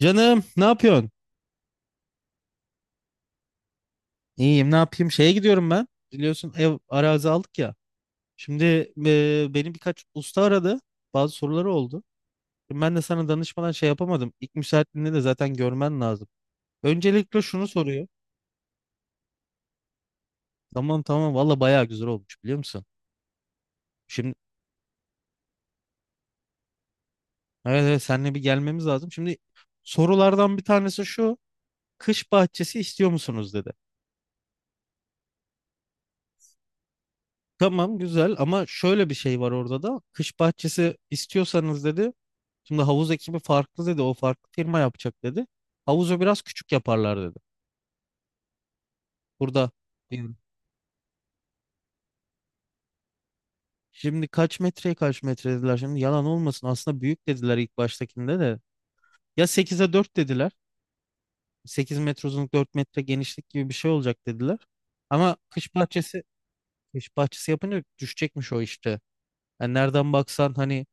Canım ne yapıyorsun? İyiyim ne yapayım? Şeye gidiyorum ben. Biliyorsun ev arazi aldık ya. Şimdi benim birkaç usta aradı. Bazı soruları oldu. Şimdi ben de sana danışmadan şey yapamadım. İlk müsaitliğinde de zaten görmen lazım. Öncelikle şunu soruyor. Tamam, tamam, valla bayağı güzel olmuş biliyor musun? Şimdi evet, evet, seninle bir gelmemiz lazım. Şimdi sorulardan bir tanesi şu. Kış bahçesi istiyor musunuz dedi. Tamam güzel ama şöyle bir şey var orada da. Kış bahçesi istiyorsanız dedi. Şimdi havuz ekibi farklı dedi. O farklı firma yapacak dedi. Havuzu biraz küçük yaparlar dedi. Burada yani şimdi kaç metreye kaç metre dediler. Şimdi yalan olmasın. Aslında büyük dediler ilk baştakinde de. Ya 8'e 4 dediler. 8 metre uzunluk 4 metre genişlik gibi bir şey olacak dediler. Ama kış bahçesi, kış bahçesi yapınca düşecekmiş o işte. Yani nereden baksan hani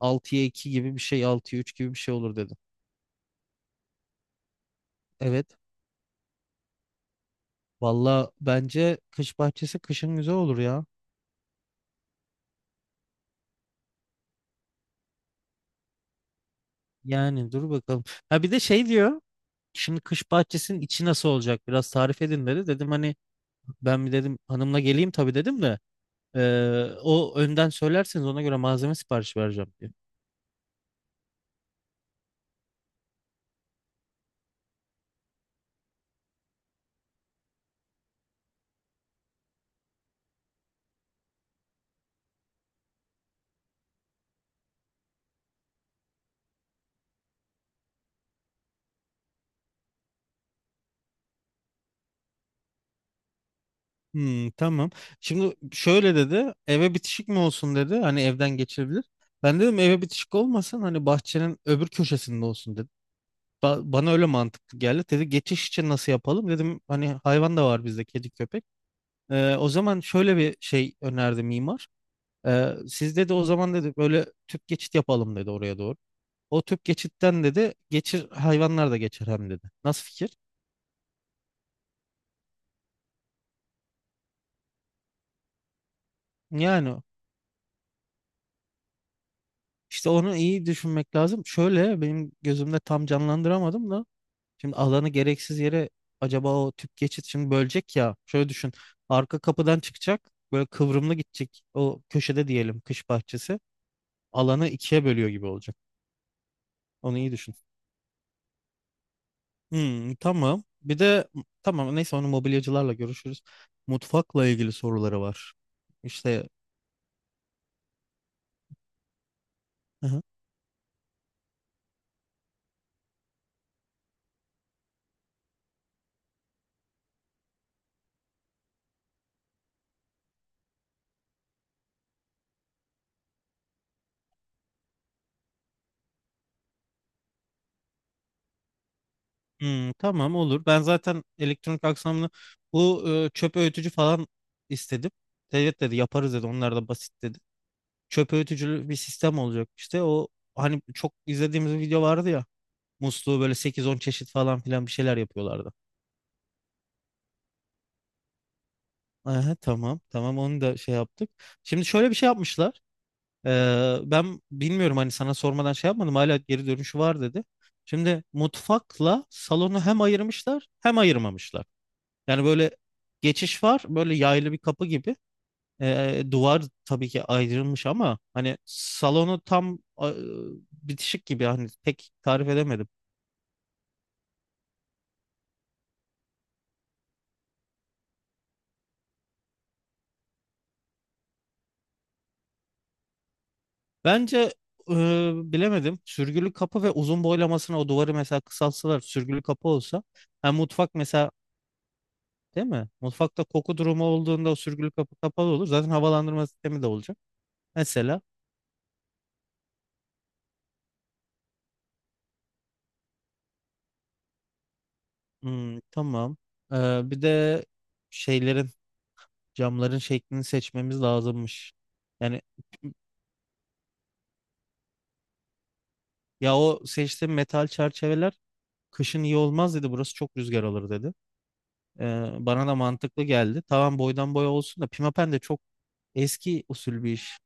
6'ya 2 gibi bir şey, 6'ya 3 gibi bir şey olur dedi. Evet. Valla bence kış bahçesi kışın güzel olur ya. Yani dur bakalım. Ha bir de şey diyor. Şimdi kış bahçesinin içi nasıl olacak? Biraz tarif edin dedi. Dedim hani ben bir dedim hanımla geleyim tabii dedim de o önden söylerseniz ona göre malzeme siparişi vereceğim diyor. Hmm, tamam. Şimdi şöyle dedi. Eve bitişik mi olsun dedi. Hani evden geçebilir. Ben dedim eve bitişik olmasın. Hani bahçenin öbür köşesinde olsun dedi. Bana öyle mantıklı geldi. Dedi geçiş için nasıl yapalım? Dedim hani hayvan da var bizde, kedi köpek. O zaman şöyle bir şey önerdi mimar. Siz dedi o zaman dedi böyle tüp geçit yapalım dedi oraya doğru. O tüp geçitten dedi geçir, hayvanlar da geçer hem dedi. Nasıl fikir? Yani işte onu iyi düşünmek lazım. Şöyle benim gözümde tam canlandıramadım da şimdi alanı gereksiz yere acaba o tüp geçit şimdi bölecek ya. Şöyle düşün. Arka kapıdan çıkacak böyle kıvrımlı gidecek, o köşede diyelim kış bahçesi alanı ikiye bölüyor gibi olacak. Onu iyi düşün. Hmm, tamam. Bir de tamam neyse onu mobilyacılarla görüşürüz. Mutfakla ilgili soruları var. İşte hı hı. Hmm, tamam olur. Ben zaten elektronik aksamını bu çöp öğütücü falan istedim. Evet dedi, yaparız dedi, onlar da basit dedi. Çöp öğütücülü bir sistem olacak işte. O hani çok izlediğimiz bir video vardı ya. Musluğu böyle sekiz on çeşit falan filan bir şeyler yapıyorlardı. Aha, tamam, tamam onu da şey yaptık. Şimdi şöyle bir şey yapmışlar. Ben bilmiyorum hani sana sormadan şey yapmadım. Hala geri dönüşü var dedi. Şimdi mutfakla salonu hem ayırmışlar hem ayırmamışlar. Yani böyle geçiş var, böyle yaylı bir kapı gibi. E, duvar tabii ki ayrılmış ama hani salonu tam bitişik gibi, hani pek tarif edemedim. Bence e, bilemedim. Sürgülü kapı ve uzun boylamasına o duvarı mesela kısaltsalar sürgülü kapı olsa hem mutfak mesela, değil mi? Mutfakta koku durumu olduğunda o sürgülü kapı kapalı olur. Zaten havalandırma sistemi de olacak. Mesela hmm, tamam. Bir de şeylerin, camların şeklini seçmemiz lazımmış. Yani ya o seçtiğim metal çerçeveler kışın iyi olmaz dedi. Burası çok rüzgar alır dedi. Bana da mantıklı geldi. Tamam boydan boya olsun da pimapen de çok eski usul bir iş.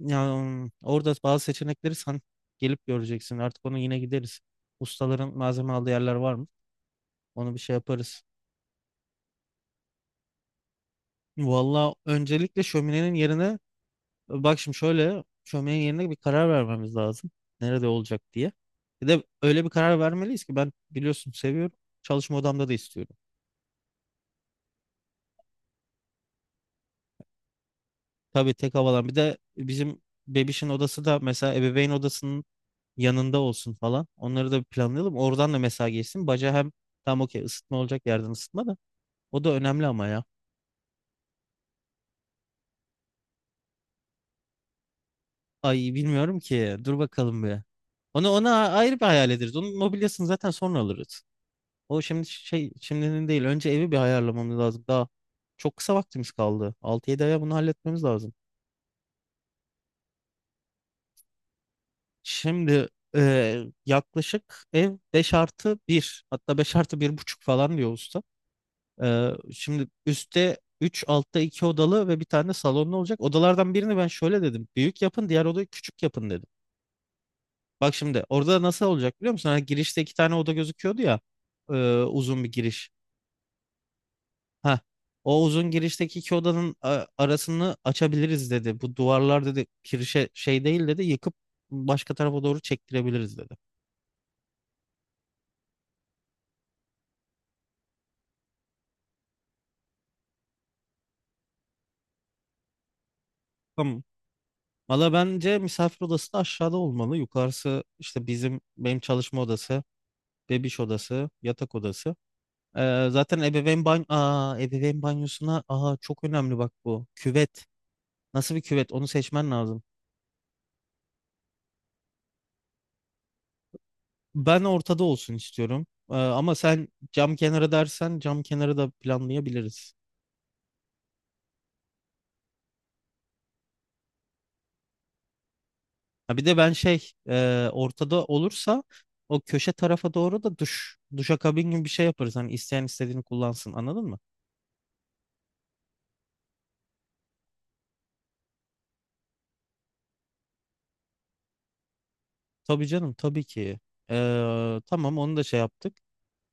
Yani orada bazı seçenekleri sen gelip göreceksin. Artık onu yine gideriz. Ustaların malzeme aldığı yerler var mı? Onu bir şey yaparız. Valla öncelikle şöminenin yerine, bak şimdi şöyle şöminenin yerine bir karar vermemiz lazım. Nerede olacak diye. Bir de öyle bir karar vermeliyiz ki ben biliyorsun seviyorum. Çalışma odamda da istiyorum. Tabii tek havalan. Bir de bizim bebişin odası da mesela ebeveyn odasının yanında olsun falan. Onları da bir planlayalım. Oradan da mesela geçsin. Baca hem tam okey, ısıtma olacak, yerden ısıtma da. O da önemli ama ya. Ay bilmiyorum ki. Dur bakalım bir. Onu ona ayrı bir hayal ederiz. Onun mobilyasını zaten sonra alırız. O şimdi şey, şimdinin değil. Önce evi bir ayarlamamız lazım. Daha çok kısa vaktimiz kaldı. 6 7 aya bunu halletmemiz lazım. Şimdi e, yaklaşık ev 5 artı bir hatta 5 artı bir buçuk falan diyor usta. Şimdi üstte 3, altta 2 odalı ve bir tane salonlu olacak. Odalardan birini ben şöyle dedim. Büyük yapın, diğer odayı küçük yapın dedim. Bak şimdi orada nasıl olacak biliyor musun? Hani girişte iki tane oda gözüküyordu ya. e, Uzun bir giriş. Ha, o uzun girişteki iki odanın arasını açabiliriz dedi. Bu duvarlar dedi kirişe şey değil dedi. Yıkıp başka tarafa doğru çektirebiliriz dedi. Tamam. Valla bence misafir odası da aşağıda olmalı. Yukarısı işte bizim, benim çalışma odası, bebiş odası, yatak odası. Zaten ebeveyn banyo, ebeveyn banyosuna, çok önemli bak bu. Küvet. Nasıl bir küvet? Onu seçmen lazım. Ben ortada olsun istiyorum. Ama sen cam kenarı dersen cam kenarı da planlayabiliriz. Ha, bir de ben şey, ortada olursa o köşe tarafa doğru da duş, duşakabin gibi bir şey yaparız. Hani isteyen istediğini kullansın. Anladın mı? Tabii canım, tabii ki. Tamam onu da şey yaptık.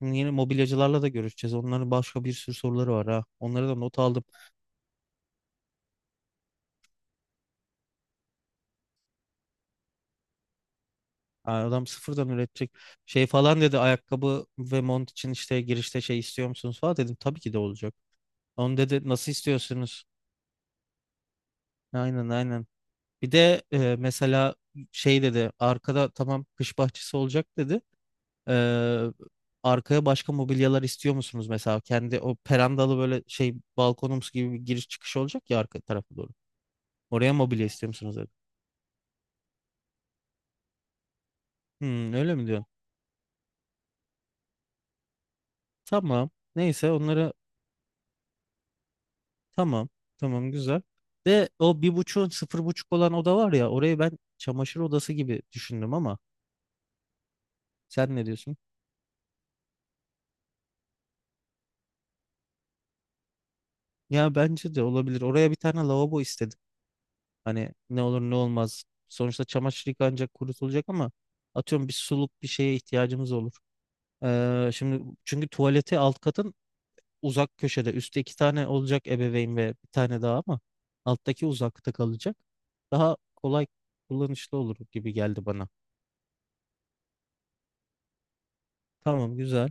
Yeni mobilyacılarla da görüşeceğiz. Onların başka bir sürü soruları var ha. Onları da not aldım. Aa, adam sıfırdan üretecek şey falan dedi, ayakkabı ve mont için işte girişte şey istiyor musunuz falan, dedim tabii ki de olacak. Onu dedi nasıl istiyorsunuz? Aynen, aynen. Bir de mesela şey dedi arkada, tamam kış bahçesi olacak dedi. Ee, Arkaya başka mobilyalar istiyor musunuz, mesela kendi o perandalı böyle şey balkonumuz gibi bir giriş çıkış olacak ya arka tarafa doğru. Oraya mobilya istiyor musunuz dedi. Hmm, öyle mi diyorsun? Tamam. Neyse onları tamam. Tamam güzel. De o bir buçuğun sıfır buçuk olan oda var ya, orayı ben çamaşır odası gibi düşündüm ama sen ne diyorsun? Ya bence de olabilir. Oraya bir tane lavabo istedim. Hani ne olur ne olmaz. Sonuçta çamaşır yıkanacak, kurutulacak ama atıyorum bir suluk bir şeye ihtiyacımız olur. Şimdi çünkü tuvaleti alt katın uzak köşede. Üstte iki tane olacak, ebeveyn ve bir tane daha ama alttaki uzakta kalacak. Daha kolay, kullanışlı olur gibi geldi bana. Tamam güzel.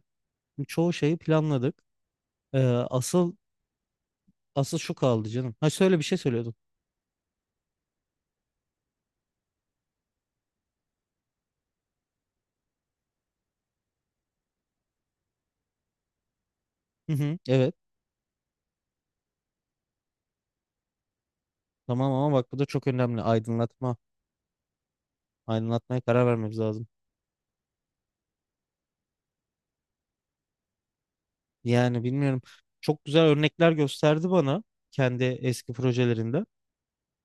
Çoğu şeyi planladık. Ee, asıl asıl şu kaldı canım. Ha şöyle bir şey söylüyordum. Hı hı, evet. Tamam ama bak bu da çok önemli. Aydınlatma. Aydınlatmaya karar vermemiz lazım. Yani bilmiyorum. Çok güzel örnekler gösterdi bana kendi eski projelerinde.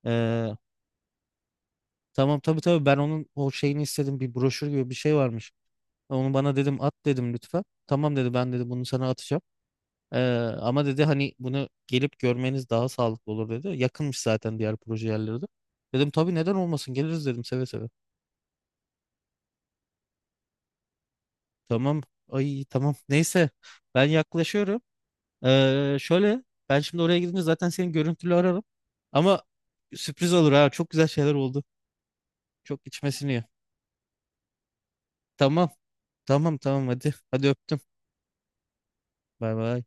Ee, tamam, tabii, tabii ben onun o şeyini istedim. Bir broşür gibi bir şey varmış. Onu bana dedim at dedim lütfen. Tamam dedi, ben dedi bunu sana atacağım. Ee, Ama dedi hani bunu gelip görmeniz daha sağlıklı olur dedi. Yakınmış zaten diğer proje yerleri de. Dedim tabii neden olmasın, geliriz dedim seve seve. Tamam, ay tamam neyse ben yaklaşıyorum. Şöyle ben şimdi oraya gidince zaten seni görüntülü ararım. Ama sürpriz olur ha, çok güzel şeyler oldu. Çok içmesini ya. Tamam, tamam, tamam, hadi hadi öptüm. Bay bay.